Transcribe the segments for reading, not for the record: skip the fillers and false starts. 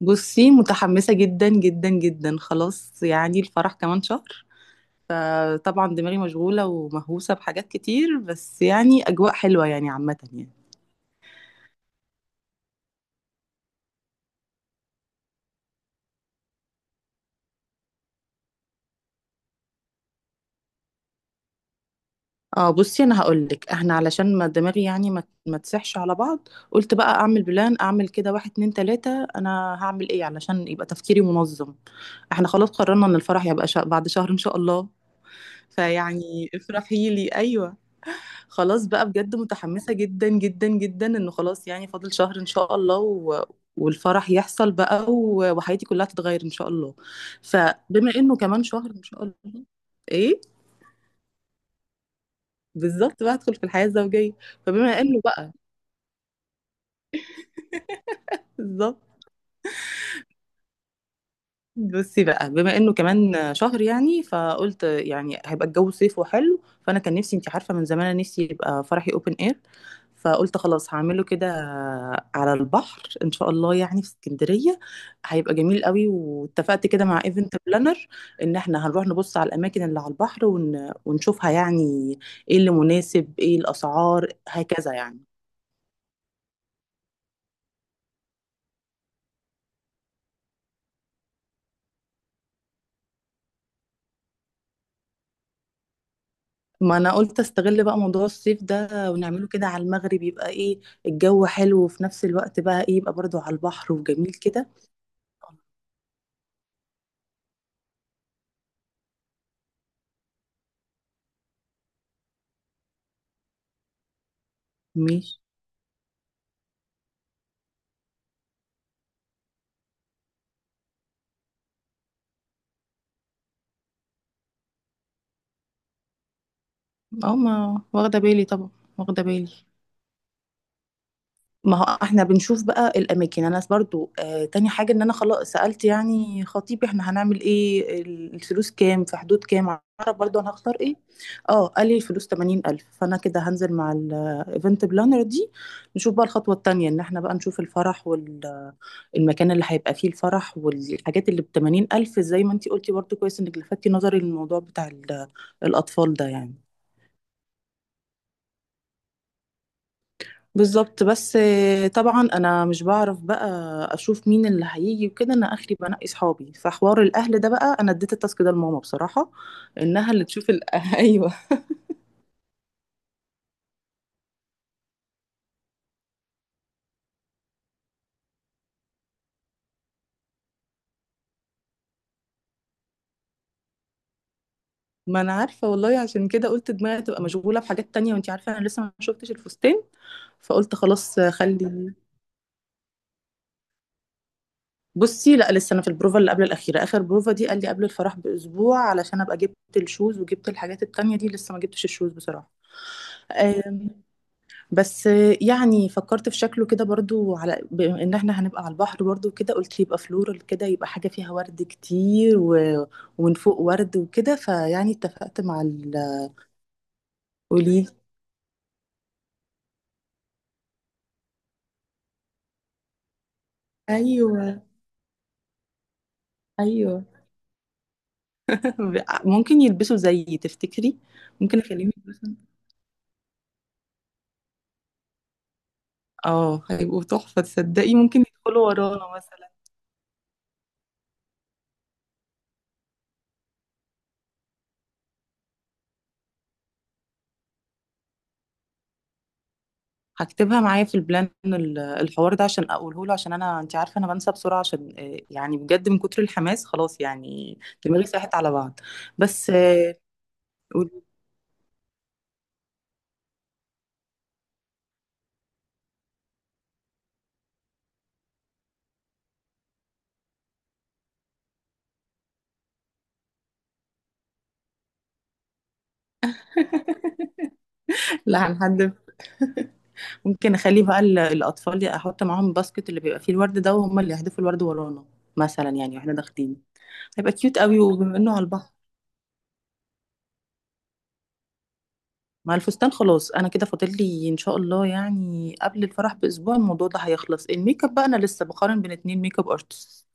بصي، متحمسة جدا جدا جدا. خلاص يعني الفرح كمان شهر. فطبعا دماغي مشغولة ومهووسة بحاجات كتير، بس يعني أجواء حلوة يعني عامة يعني. اه بصي انا هقولك، احنا علشان ما دماغي يعني ما تسحش على بعض، قلت بقى اعمل بلان، اعمل كده واحد اتنين تلاتة انا هعمل ايه علشان يبقى تفكيري منظم. احنا خلاص قررنا ان الفرح يبقى بعد شهر ان شاء الله. فيعني افرحي لي، ايوه. خلاص بقى، بجد متحمسة جدا جدا جدا انه خلاص يعني فاضل شهر ان شاء الله والفرح يحصل بقى وحياتي كلها تتغير ان شاء الله. فبما انه كمان شهر ان شاء الله، ايه، بالظبط بقى ادخل في الحياة الزوجية. فبما انه بقى، بالظبط. بصي بقى، بما انه كمان شهر يعني، فقلت يعني هيبقى الجو صيف وحلو، فانا كان نفسي، انت عارفه من زمان انا نفسي يبقى فرحي اوبن اير. فقلت خلاص هعمله كده على البحر ان شاء الله، يعني في اسكندريه. هيبقى جميل قوي، واتفقت كده مع ايفنت بلانر ان احنا هنروح نبص على الاماكن اللي على البحر ونشوفها يعني، ايه اللي مناسب، ايه الاسعار، هكذا يعني. ما انا قلت استغل بقى موضوع الصيف ده ونعمله كده على المغرب، يبقى ايه، الجو حلو وفي نفس الوقت بقى ايه يبقى برضو على البحر وجميل كده. ماشي. اه ما واخده بالي طبعا، واخده بالي. ما هو احنا بنشوف بقى الاماكن. انا برضو تاني حاجه ان انا خلاص سالت يعني خطيبي احنا هنعمل ايه، الفلوس كام، في حدود كام، اعرف برضو انا هختار ايه. اه قال لي الفلوس 80,000، فانا كده هنزل مع الايفنت بلانر دي نشوف بقى الخطوه التانيه ان احنا بقى نشوف الفرح، المكان اللي هيبقى فيه الفرح، والحاجات اللي ب80,000 زي ما انتي قلتي. برضو كويس انك لفتي نظري للموضوع بتاع الأطفال ده يعني. بالظبط. بس طبعا انا مش بعرف بقى اشوف مين اللي هيجي وكده، انا اخري بنقي صحابي. فحوار الاهل ده بقى، انا اديت التاسك ده لماما بصراحه، انها اللي تشوف ايوه. ما انا عارفه والله، عشان كده قلت دماغي تبقى مشغوله بحاجات تانية. وانتي عارفه انا لسه ما شفتش الفستان، فقلت خلاص خلي بُصّي، لأ لسه أنا في البروفة اللي قبل الأخيرة، آخر بروفة دي قال لي قبل الفرح بأسبوع علشان أبقى جِبت الshoes وجِبت الحاجات التانية دي، لسه ما جِبتش الshoes بصراحة. آمم، بس يعني فكّرت في شكله كده برضه، على بما إن إحنا هنبقى على البحر برضه وكده، قُلت يبقى floral كده، يبقى حاجة فيها وَرْد كتير، و ومن فوق وَرْد وكده، فيعني اتفقت مع قولي لي. أيوه. أيوه. ب ممكن يلبسوا زيي تفتكري؟ ممكن أخلّيهم يلبسوا هيبقوا تحفة، تصدّقي ممكن يدخلوا ورانا مثلًا. هكتبها معايا في البلان، الحوار ده، عشان اقوله له، عشان انا انت عارفه انا بنسى بسرعه، عشان يعني بجد من كتر الحماس خلاص يعني دماغي ساحت على بعض. بس قول- لا هنحدد. ممكن اخلي بقى الاطفال، احط معاهم باسكت اللي بيبقى فيه الورد ده، وهم اللي يحدفوا الورد ورانا مثلا يعني، واحنا داخلين. هيبقى كيوت قوي، وبما انه على البحر. مع الفستان خلاص، انا كده فاضل لي ان شاء الله يعني قبل الفرح باسبوع الموضوع ده هيخلص. الميك اب بقى، انا لسه بقارن بين اتنين ميك اب ارتست.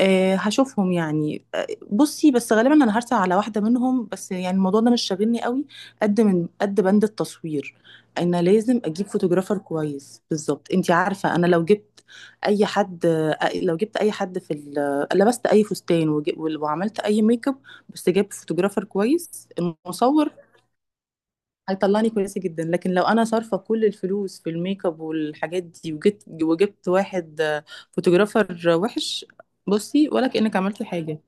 أه هشوفهم يعني بصي بس غالبا انا هرسل على واحده منهم، بس يعني الموضوع ده مش شاغلني قوي قد من قد بند التصوير. انا لازم اجيب فوتوغرافر كويس بالظبط. انتي عارفه انا لو جبت اي حد لو جبت اي حد في لبست اي فستان وعملت اي ميك اب بس جبت فوتوغرافر كويس، المصور هيطلعني كويسة جدا. لكن لو انا صارفة كل الفلوس في الميك اب والحاجات دي، وجبت واحد فوتوغرافر وحش، بصي ولا كأنك عملتي حاجة.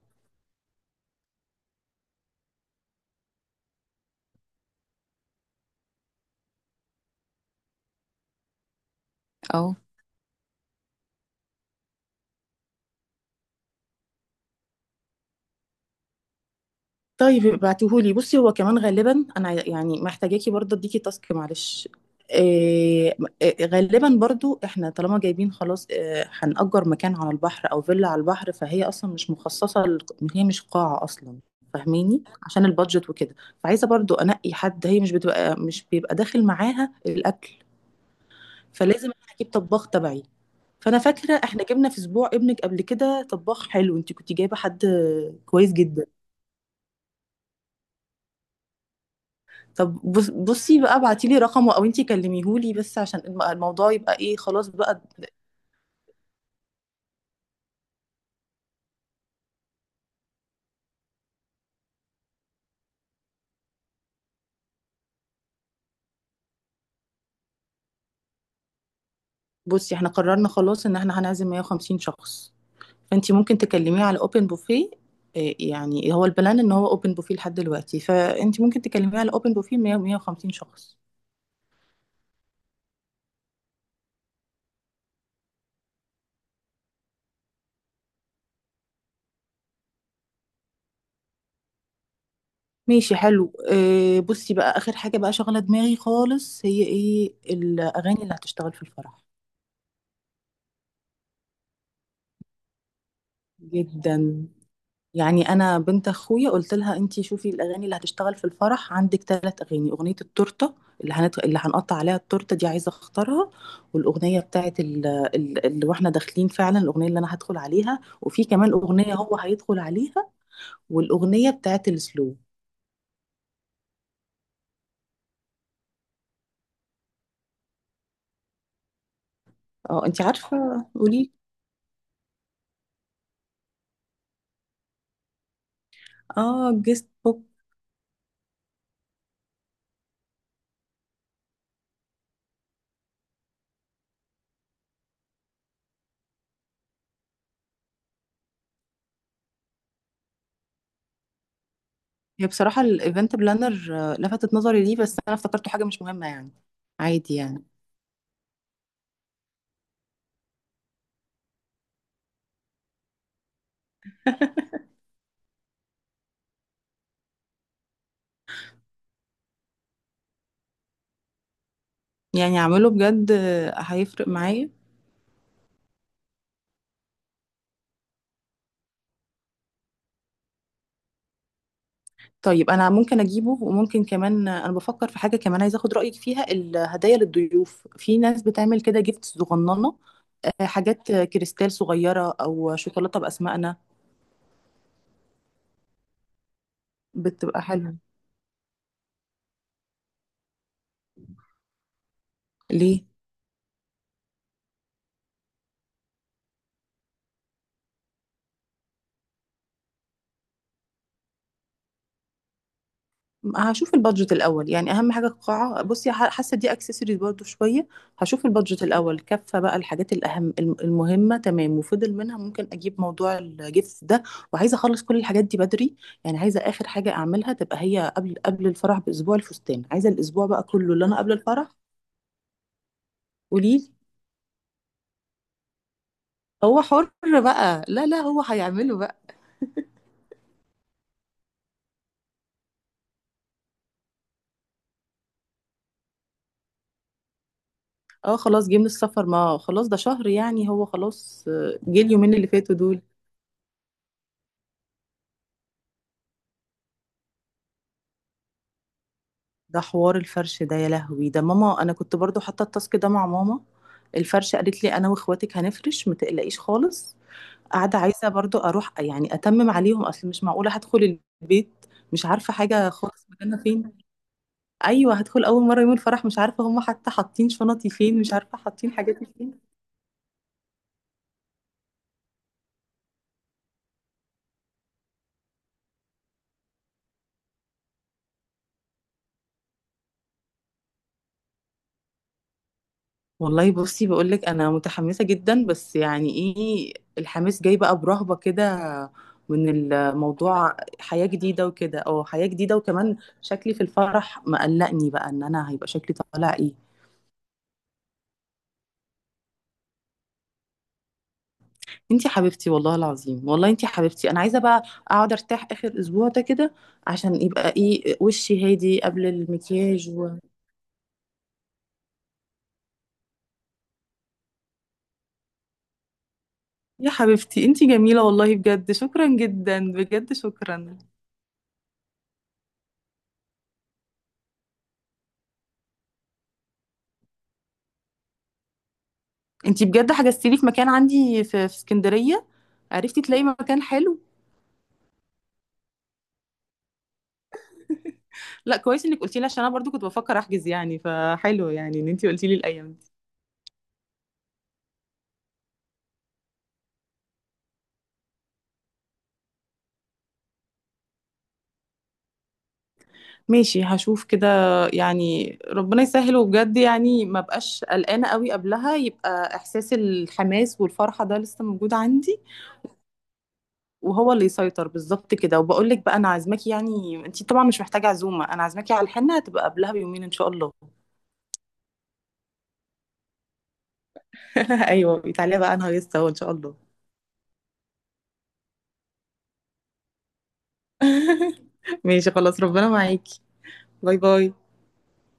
اه طيب ابعتيهولي. بصي هو كمان غالبا انا يعني محتاجاكي برضه اديكي تاسك، معلش. إيه، غالبا برضو احنا طالما جايبين خلاص إيه، هنأجر مكان على البحر او فيلا على البحر، فهي اصلا مش مخصصة هي مش قاعة اصلا، فاهميني، عشان البادجت وكده. فعايزة برضو انقي حد، هي مش بيبقى داخل معاها الاكل، فلازم انا اجيب طباخ تبعي. فانا فاكرة احنا جبنا في اسبوع ابنك قبل كده طباخ حلو، انت كنت جايبة حد كويس جدا. طب بصي بقى ابعتي لي رقمه او انتي كلميهولي، بس عشان الموضوع يبقى ايه، خلاص بقى. بصي احنا قررنا خلاص ان احنا هنعزم 150 شخص، فانتي ممكن تكلميه على اوبن بوفيه. يعني هو البلان ان هو اوبن بوفيه لحد دلوقتي، فانتي ممكن تكلميه على اوبن بوفيه 100 150 شخص. ماشي، حلو. إيه، بصي بقى اخر حاجه بقى شغله دماغي خالص، هي ايه الاغاني اللي هتشتغل في الفرح. جدا، يعني انا بنت اخويا قلت لها انتي شوفي الاغاني اللي هتشتغل في الفرح. عندك ثلاث اغاني، اغنيه التورته اللي هنقطع عليها التورته دي عايزه اختارها، والاغنيه بتاعت اللي واحنا داخلين فعلا، الاغنيه اللي انا هدخل عليها، وفي كمان اغنيه هو هيدخل عليها، والاغنيه بتاعت السلو. اه انتي عارفه قولي. اه جيست بوك. هي بصراحه الايفنت بلانر لفتت نظري ليه، بس انا افتكرته حاجه مش مهمه يعني، عادي يعني. يعني اعمله بجد هيفرق معايا؟ طيب انا ممكن اجيبه. وممكن كمان انا بفكر في حاجه كمان عايزه اخد رايك فيها، الهدايا للضيوف. في ناس بتعمل كده جيفت صغننه حاجات كريستال صغيره او شوكولاته باسمائنا، بتبقى حلوه ليه. هشوف البادجت الاول يعني، اهم حاجه القاعه، بصي حاسه دي اكسسوارز برضو شويه. هشوف البادجت الاول كفه بقى الحاجات الاهم، المهمه، تمام وفضل منها ممكن اجيب موضوع الجيفت ده. وعايزه اخلص كل الحاجات دي بدري، يعني عايزه اخر حاجه اعملها تبقى هي، قبل الفرح باسبوع الفستان، عايزه الاسبوع بقى كله اللي انا قبل الفرح. قوليلي. هو حر بقى، لا لا هو هيعمله بقى. اه خلاص جه من السفر، ما خلاص ده شهر يعني، هو خلاص جه اليومين اللي فاتوا دول. ده حوار الفرش ده يا لهوي، ده ماما انا كنت برضو حاطه التاسك ده مع ماما. الفرش قالت لي انا واخواتك هنفرش ما تقلقيش خالص. قاعده عايزه برضو اروح يعني اتمم عليهم، اصل مش معقوله هدخل البيت مش عارفه حاجه خالص مكانها فين. ايوه هدخل اول مره يوم الفرح، مش عارفه هم حتى حاطين شنطي فين، مش عارفه حاطين حاجاتي فين. والله بصي بقولك، انا متحمسه جدا، بس يعني ايه الحماس جاي بقى برهبه كده من الموضوع، حياه جديده وكده. اه حياه جديده، وكمان شكلي في الفرح مقلقني بقى، ان انا هيبقى شكلي طالع ايه. انتي حبيبتي، والله العظيم والله انتي حبيبتي. انا عايزه بقى اقعد ارتاح اخر اسبوع ده كده عشان يبقى ايه وشي هادي قبل المكياج يا حبيبتي انتي جميله والله، بجد شكرا جدا، بجد شكرا. انتي بجد حجزتي لي في مكان عندي في اسكندريه؟ عرفتي تلاقي مكان حلو؟ لا كويس انك قلتي لي، عشان انا برضو كنت بفكر احجز يعني، فحلو يعني ان انتي قلتي لي الايام دي. ماشي هشوف كده. يعني ربنا يسهل، وبجد يعني ما بقاش قلقانه قوي قبلها، يبقى احساس الحماس والفرحه ده لسه موجود عندي وهو اللي يسيطر، بالظبط كده. وبقول لك بقى، انا عازماكي، يعني انتي طبعا مش محتاجه عزومه، انا عازماكي على الحنه، هتبقى قبلها بيومين ان شاء الله. ايوه تعالي بقى، انا هيصه ان شاء الله. ماشي خلاص، ربنا معاكي. باي باي.